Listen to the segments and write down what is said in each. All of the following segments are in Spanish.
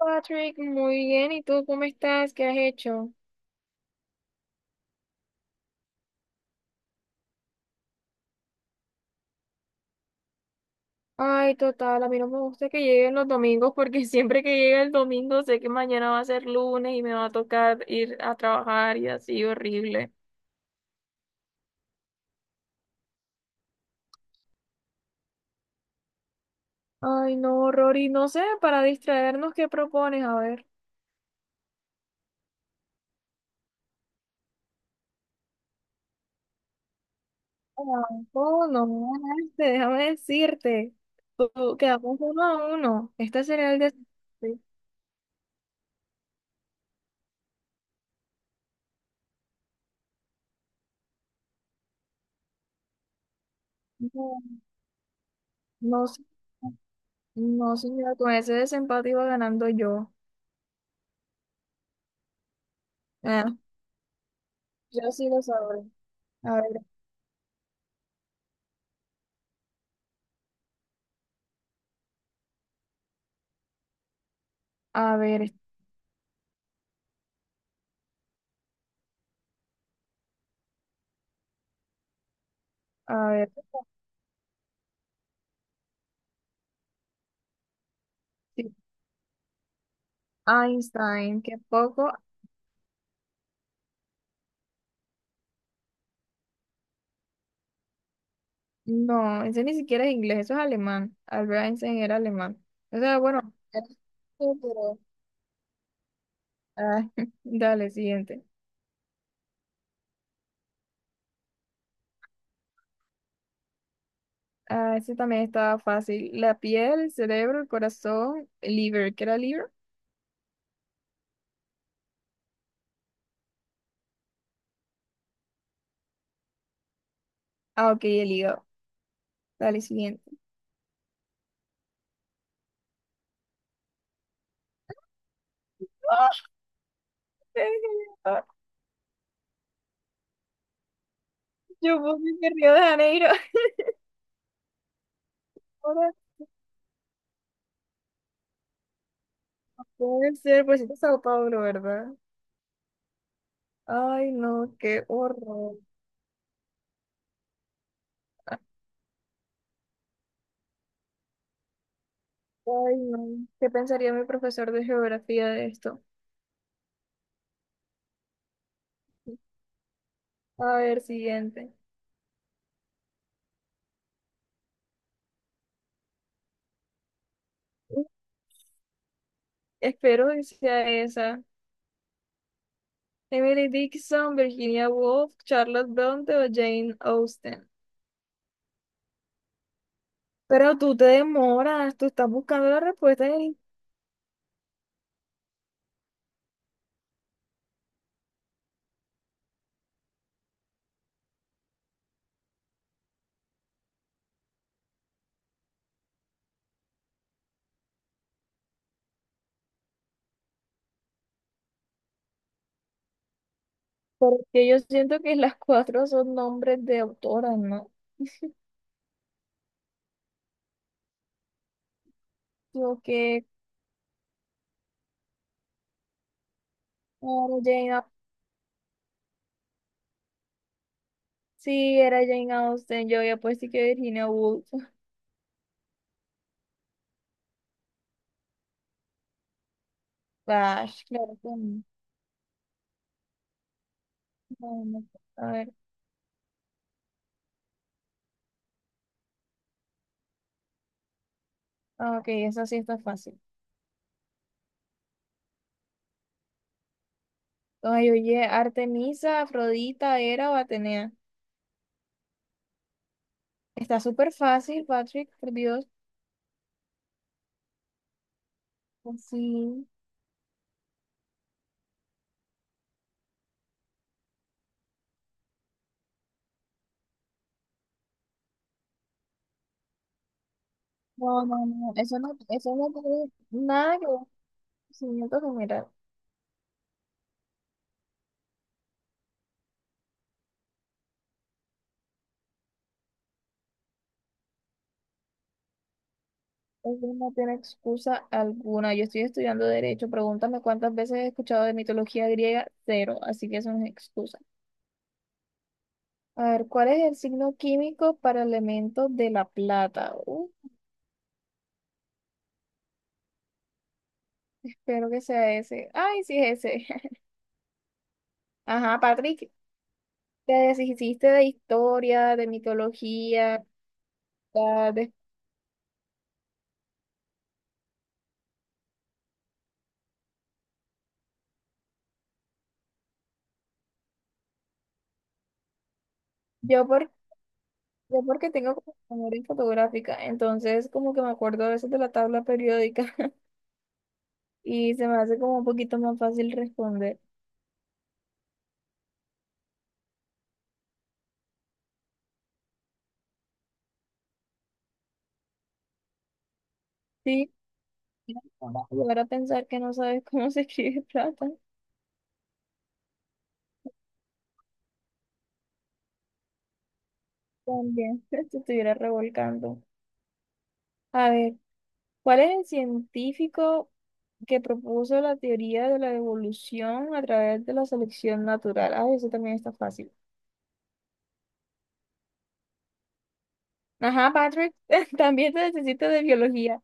Patrick, muy bien. ¿Y tú cómo estás? ¿Qué has hecho? Ay, total, a mí no me gusta que lleguen los domingos porque siempre que llega el domingo sé que mañana va a ser lunes y me va a tocar ir a trabajar y así horrible. Ay, no, Rory, no sé, para distraernos, ¿qué propones? A ver. No, no me ganaste, déjame decirte. Quedamos 1-1. Este sería el desempate. No, no, no, señora, con ese desempate iba ganando yo. Ah, yo sí lo sabré. A ver, a ver, a ver. Sí, Einstein, qué poco. No, ese ni siquiera es inglés, eso es alemán. Albert Einstein era alemán. O sea, bueno, sí, pero- ah, dale, siguiente. Ah, ese también estaba fácil. La piel, el cerebro, el corazón, el liver. ¿Qué era liver? Ah, ok, el hígado. Dale, siguiente. ¡Ah! Yo puse que Río de Janeiro. Ahora puede ser, pues es Sao Paulo, ¿verdad? Ay, no, qué horror. Ay, no. ¿Qué pensaría mi profesor de geografía de esto? A ver, siguiente. Espero que sea esa. Emily Dickinson, Virginia Woolf, Charlotte Bronte o Jane Austen. Pero tú te demoras, tú estás buscando la respuesta en el. Porque yo siento que las cuatro son nombres de autoras, ¿no? Yo que, claro, Jane. Sí, era Jane Austen, yo ya pues sí que Virginia Woolf. Bash, claro que no. No, no. A ver, ah, ok, esa sí está fácil. Ay, oye, Artemisa, Afrodita, Hera o Atenea. Está súper fácil, Patrick, por Dios. Sí. No, no, no. Eso no, eso no tiene nada que ver con conocimiento general. Eso no tiene excusa alguna. Yo estoy estudiando derecho. Pregúntame cuántas veces he escuchado de mitología griega, cero. Así que eso no es excusa. A ver, ¿cuál es el signo químico para el elemento de la plata? Espero que sea ese. Ay, sí es ese. Ajá, Patrick. Te deshiciste de historia, de mitología, ta- de- Yo, por, yo porque tengo como memoria fotográfica, entonces como que me acuerdo a veces de la tabla periódica y se me hace como un poquito más fácil responder. Sí, ahora a pensar que no sabes cómo se escribe plata, también te estuviera revolcando. A ver, ¿cuál es el científico que propuso la teoría de la evolución a través de la selección natural? Ah, eso también está fácil. Ajá, Patrick, también se necesita de biología.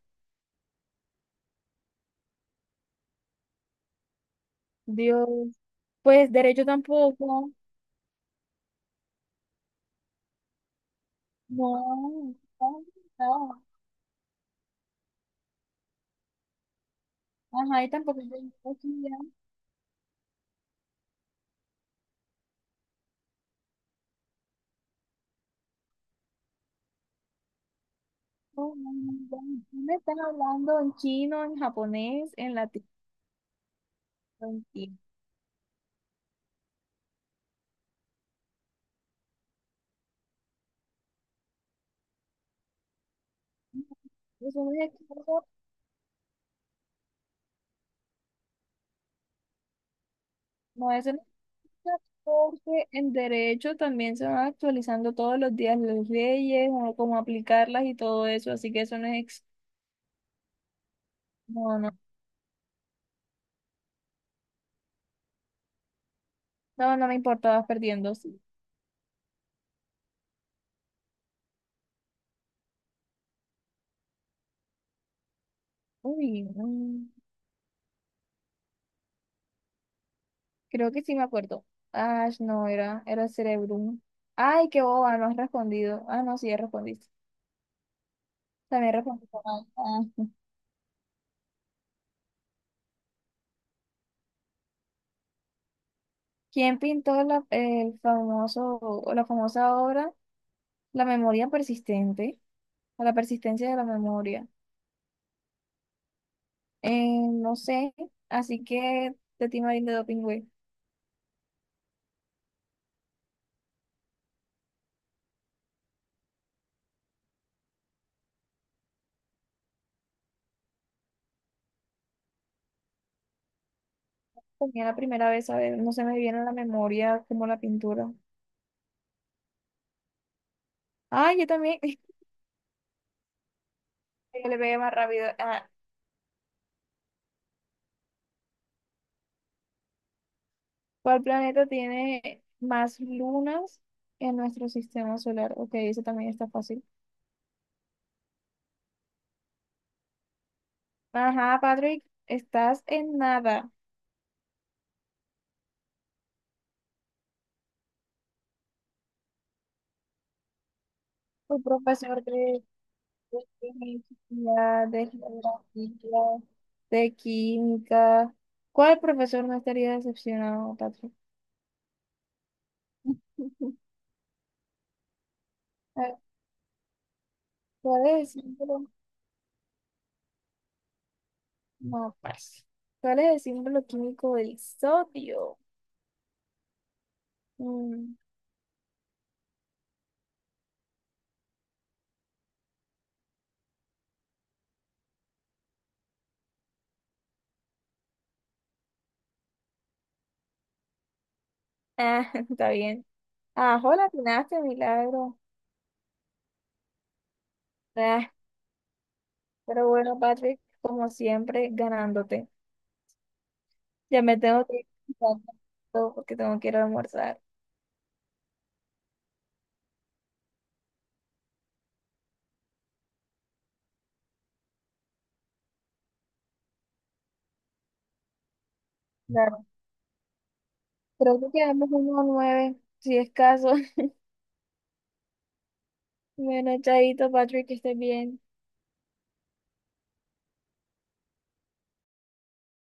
Dios, pues derecho tampoco. No, no, no. Ajá, y tampoco es de biología. No, no, no, no. No. Me están hablando en chino, en japonés, en latín, en chino. Eso no es excusa, no es una excusa, porque en derecho también se van actualizando todos los días las leyes, o cómo aplicarlas y todo eso, así que eso no es. No, no, no, no me importa, vas perdiendo. Sí. Uy, no. Creo que sí me acuerdo. Ah, no, era Cerebrum. Ay, qué boba, no has respondido. Ah, no, sí, ya respondiste. También respondiste mal. Ah. Sí. ¿Quién pintó la, el famoso, o la famosa obra La memoria persistente? O la persistencia de la memoria. No sé, así que de ti, Marín de Doping, güey. Tenía la primera vez, a ver, no se me viene a la memoria como la pintura. Ay, yo también. Yo le pegué más rápido. Ah, ¿cuál planeta tiene más lunas en nuestro sistema solar? Ok, eso también está fácil. Ajá, Patrick, estás en nada. Tu profesor de, física, de geografía, de química. ¿Cuál profesor no estaría decepcionado, Patrick? A ¿Cuál es el símbolo? No, pues. ¿Cuál es el símbolo químico del sodio? Mm, está bien. Ah, hola, atinaste, milagro. Ah, Pero bueno, Patrick, como siempre, ganándote. Ya me tengo que ir todo porque tengo que ir a almorzar. Claro. Creo que quedamos 1-9, si es caso. Bueno, chaito, Patrick, que estés bien.